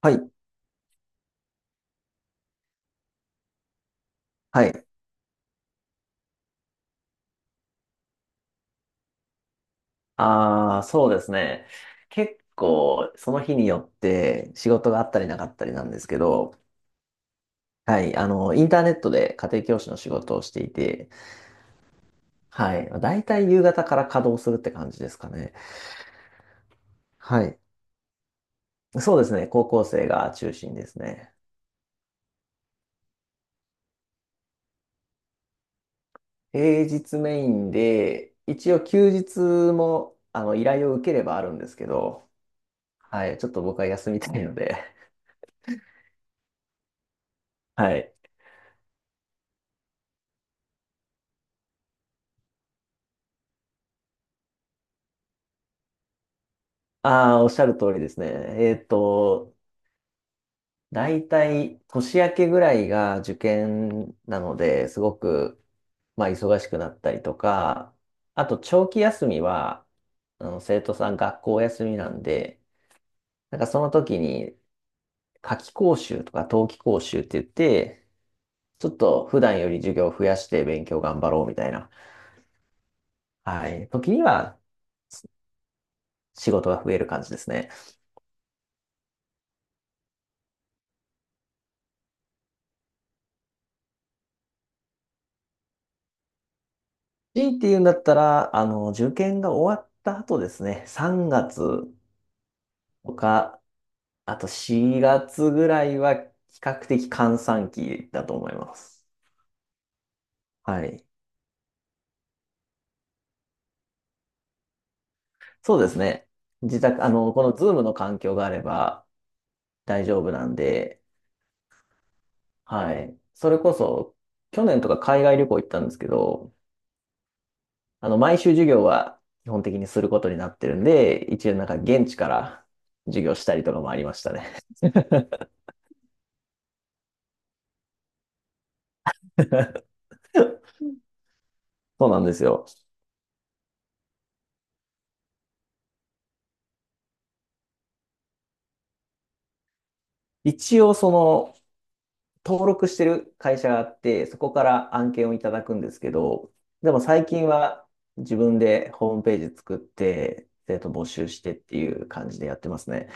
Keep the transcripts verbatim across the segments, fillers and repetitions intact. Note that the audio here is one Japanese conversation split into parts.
はい、はい。ああ、そうですね。結構、その日によって仕事があったりなかったりなんですけど、はい、あの、インターネットで家庭教師の仕事をしていて、はい、だいたい夕方から稼働するって感じですかね。はい。そうですね、高校生が中心ですね。平日メインで、一応休日も、あの、依頼を受ければあるんですけど、はい、ちょっと僕は休みたいので、はい。ああ、おっしゃる通りですね。えっと、大体年明けぐらいが受験なので、すごく、まあ、忙しくなったりとか、あと長期休みは、あの生徒さん学校休みなんで、なんかその時に夏期講習とか冬季講習って言って、ちょっと普段より授業を増やして勉強頑張ろうみたいな、はい、時には仕事が増える感じですね。強いて言うんだったら、あの、受験が終わった後ですね、さんがつとか、あとしがつぐらいは比較的閑散期だと思います。はい。そうですね。自宅、あの、この Zoom の環境があれば大丈夫なんで、はい。それこそ、去年とか海外旅行行ったんですけど、あの、毎週授業は基本的にすることになってるんで、一応なんか現地から授業したりとかもありましたね。そうなんですよ。一応その、登録してる会社があって、そこから案件をいただくんですけど、でも最近は自分でホームページ作って、生徒募集してっていう感じでやってますね。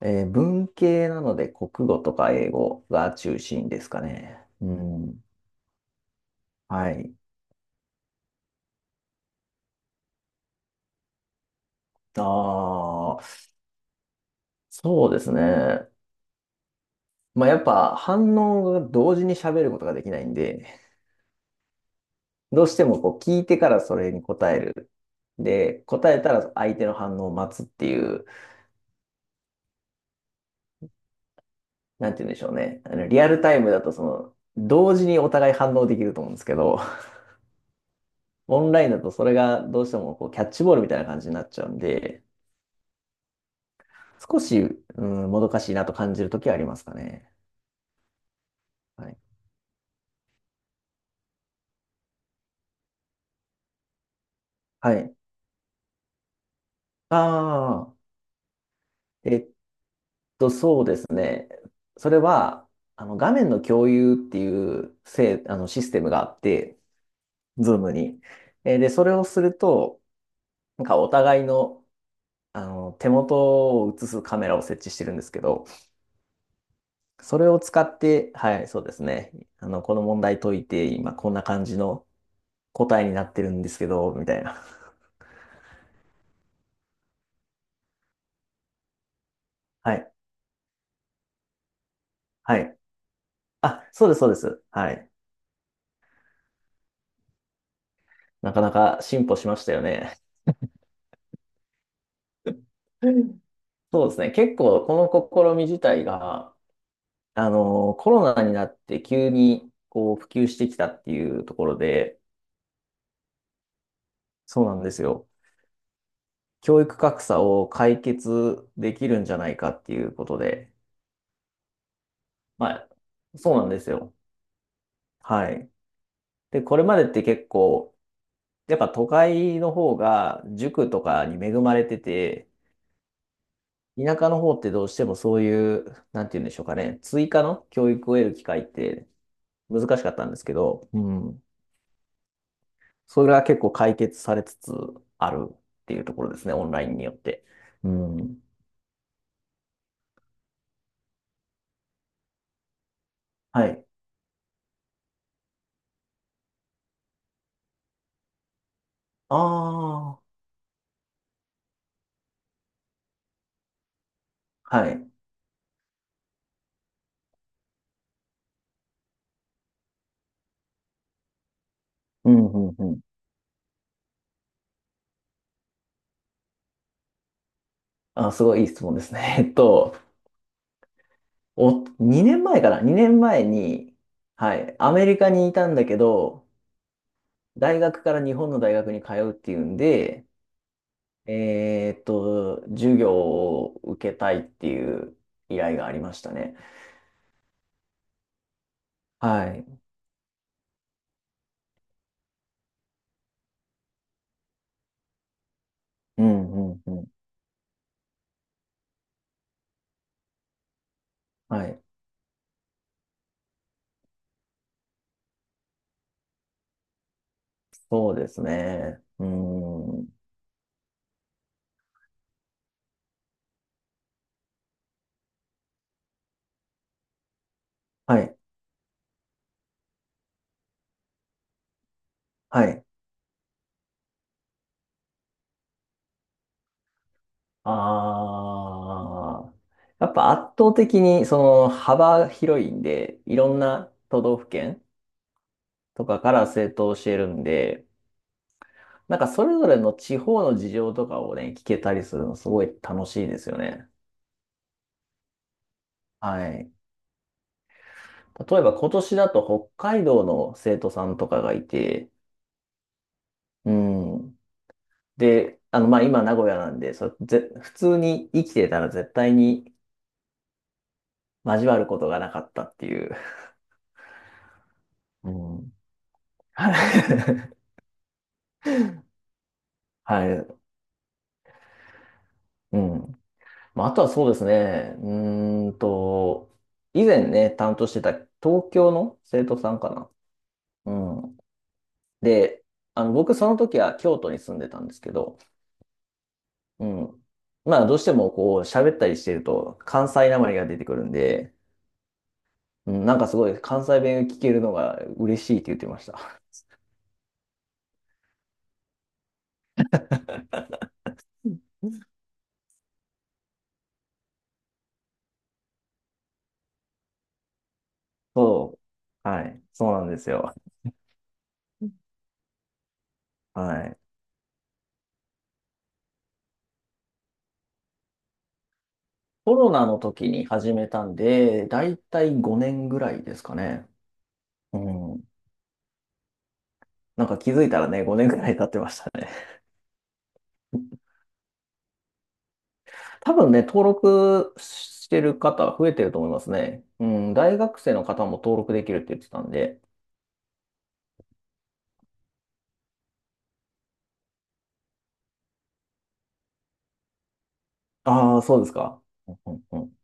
えー文系なので国語とか英語が中心ですかね。うん。はい。ああ、そうですね。まあ、やっぱ反応が同時に喋ることができないんで、どうしてもこう聞いてからそれに答える。で、答えたら相手の反応を待つっていうなんて言うんでしょうね。あの、リアルタイムだとその、同時にお互い反応できると思うんですけど、オンラインだとそれがどうしてもこうキャッチボールみたいな感じになっちゃうんで、少し、うん、もどかしいなと感じるときはありますかね。はい。はい。ああ、えっと、そうですね。それは、あの、画面の共有っていうせい、あの、システムがあって、ズームに。えーで、それをすると、なんかお互いの、あの、手元を映すカメラを設置してるんですけど、それを使って、はい、そうですね。あの、この問題解いて、今こんな感じの答えになってるんですけど、みたいな。はい。はい。あ、そうです、そうです。はい。なかなか進歩しましたよね。うん、そうですね。結構、この試み自体が、あの、コロナになって急に、こう、普及してきたっていうところで、そうなんですよ。教育格差を解決できるんじゃないかっていうことで、まあ、そうなんですよ。はい。で、これまでって結構、やっぱ都会の方が塾とかに恵まれてて、田舎の方ってどうしてもそういう、なんて言うんでしょうかね、追加の教育を得る機会って難しかったんですけど、うん。それが結構解決されつつあるっていうところですね、オンラインによって。うん。はい。ああ、はい。うん、うん、うん。あ、すごいいい質問ですね。えっと、お、にねんまえかな ?に 年前に、はい、アメリカにいたんだけど、大学から日本の大学に通うっていうんで、えーっと、授業を受けたいっていう依頼がありましたね。はい。うん、うん、うん。はい。そうですね。うん。はい、はい。ああ。やっぱ圧倒的にその幅広いんで、いろんな都道府県とかから生徒を教えるんで、なんかそれぞれの地方の事情とかをね、聞けたりするのすごい楽しいですよね。はい。例えば今年だと北海道の生徒さんとかがいて、うん。で、あの、まあ、今名古屋なんで、そ、ぜ、普通に生きてたら絶対に交わることがなかったっていう。うん。はい。うん。まあ、あとはそうですね。うーんと、以前ね、担当してた東京の生徒さんかな。うん。で、あの、僕その時は京都に住んでたんですけど、うん。まあ、どうしてもこう、喋ったりしてると、関西なまりが出てくるんで、うん、なんかすごい関西弁聞けるのが嬉しいって言ってました。そう。はい。そうなんですよ。はい。コロナの時に始めたんで、だいたいごねんぐらいですかね。うん。なんか気づいたらね、ごねんぐらい経ってましたね。多分ね、登録してる方増えてると思いますね。うん。大学生の方も登録できるって言ってたんで。ああ、そうですか。うんうんうん、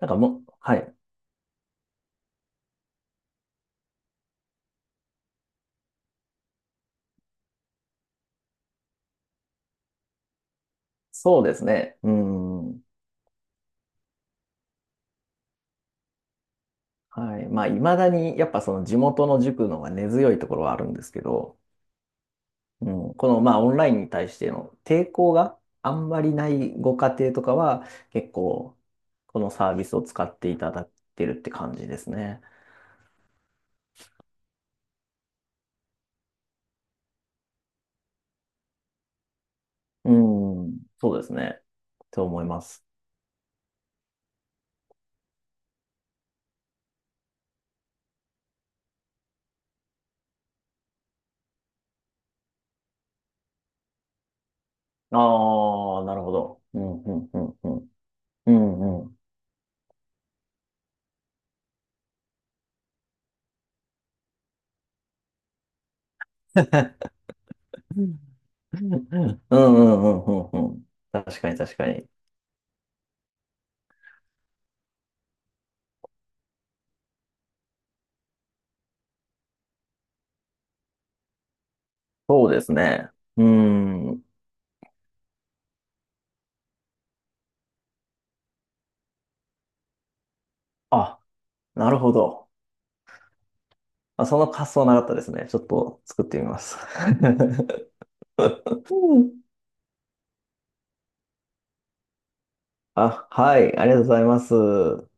なんかもう、はい。そうですね。うん。はい。まあ、いまだに、やっぱその地元の塾の方が根強いところはあるんですけど、うん、この、まあ、オンラインに対しての抵抗があんまりないご家庭とかは、結構、このサービスを使っていただいてるって感じですね。うん。そうですね。と思います。ああ、なるほど。うん、うん、うん、うん。うん、うん。うんうんうんうんうん。確かに確かに。そうですね。うーん。あ、なるほど。あ、その発想なかったですね。ちょっと作ってみます。あ、はい。ありがとうございます。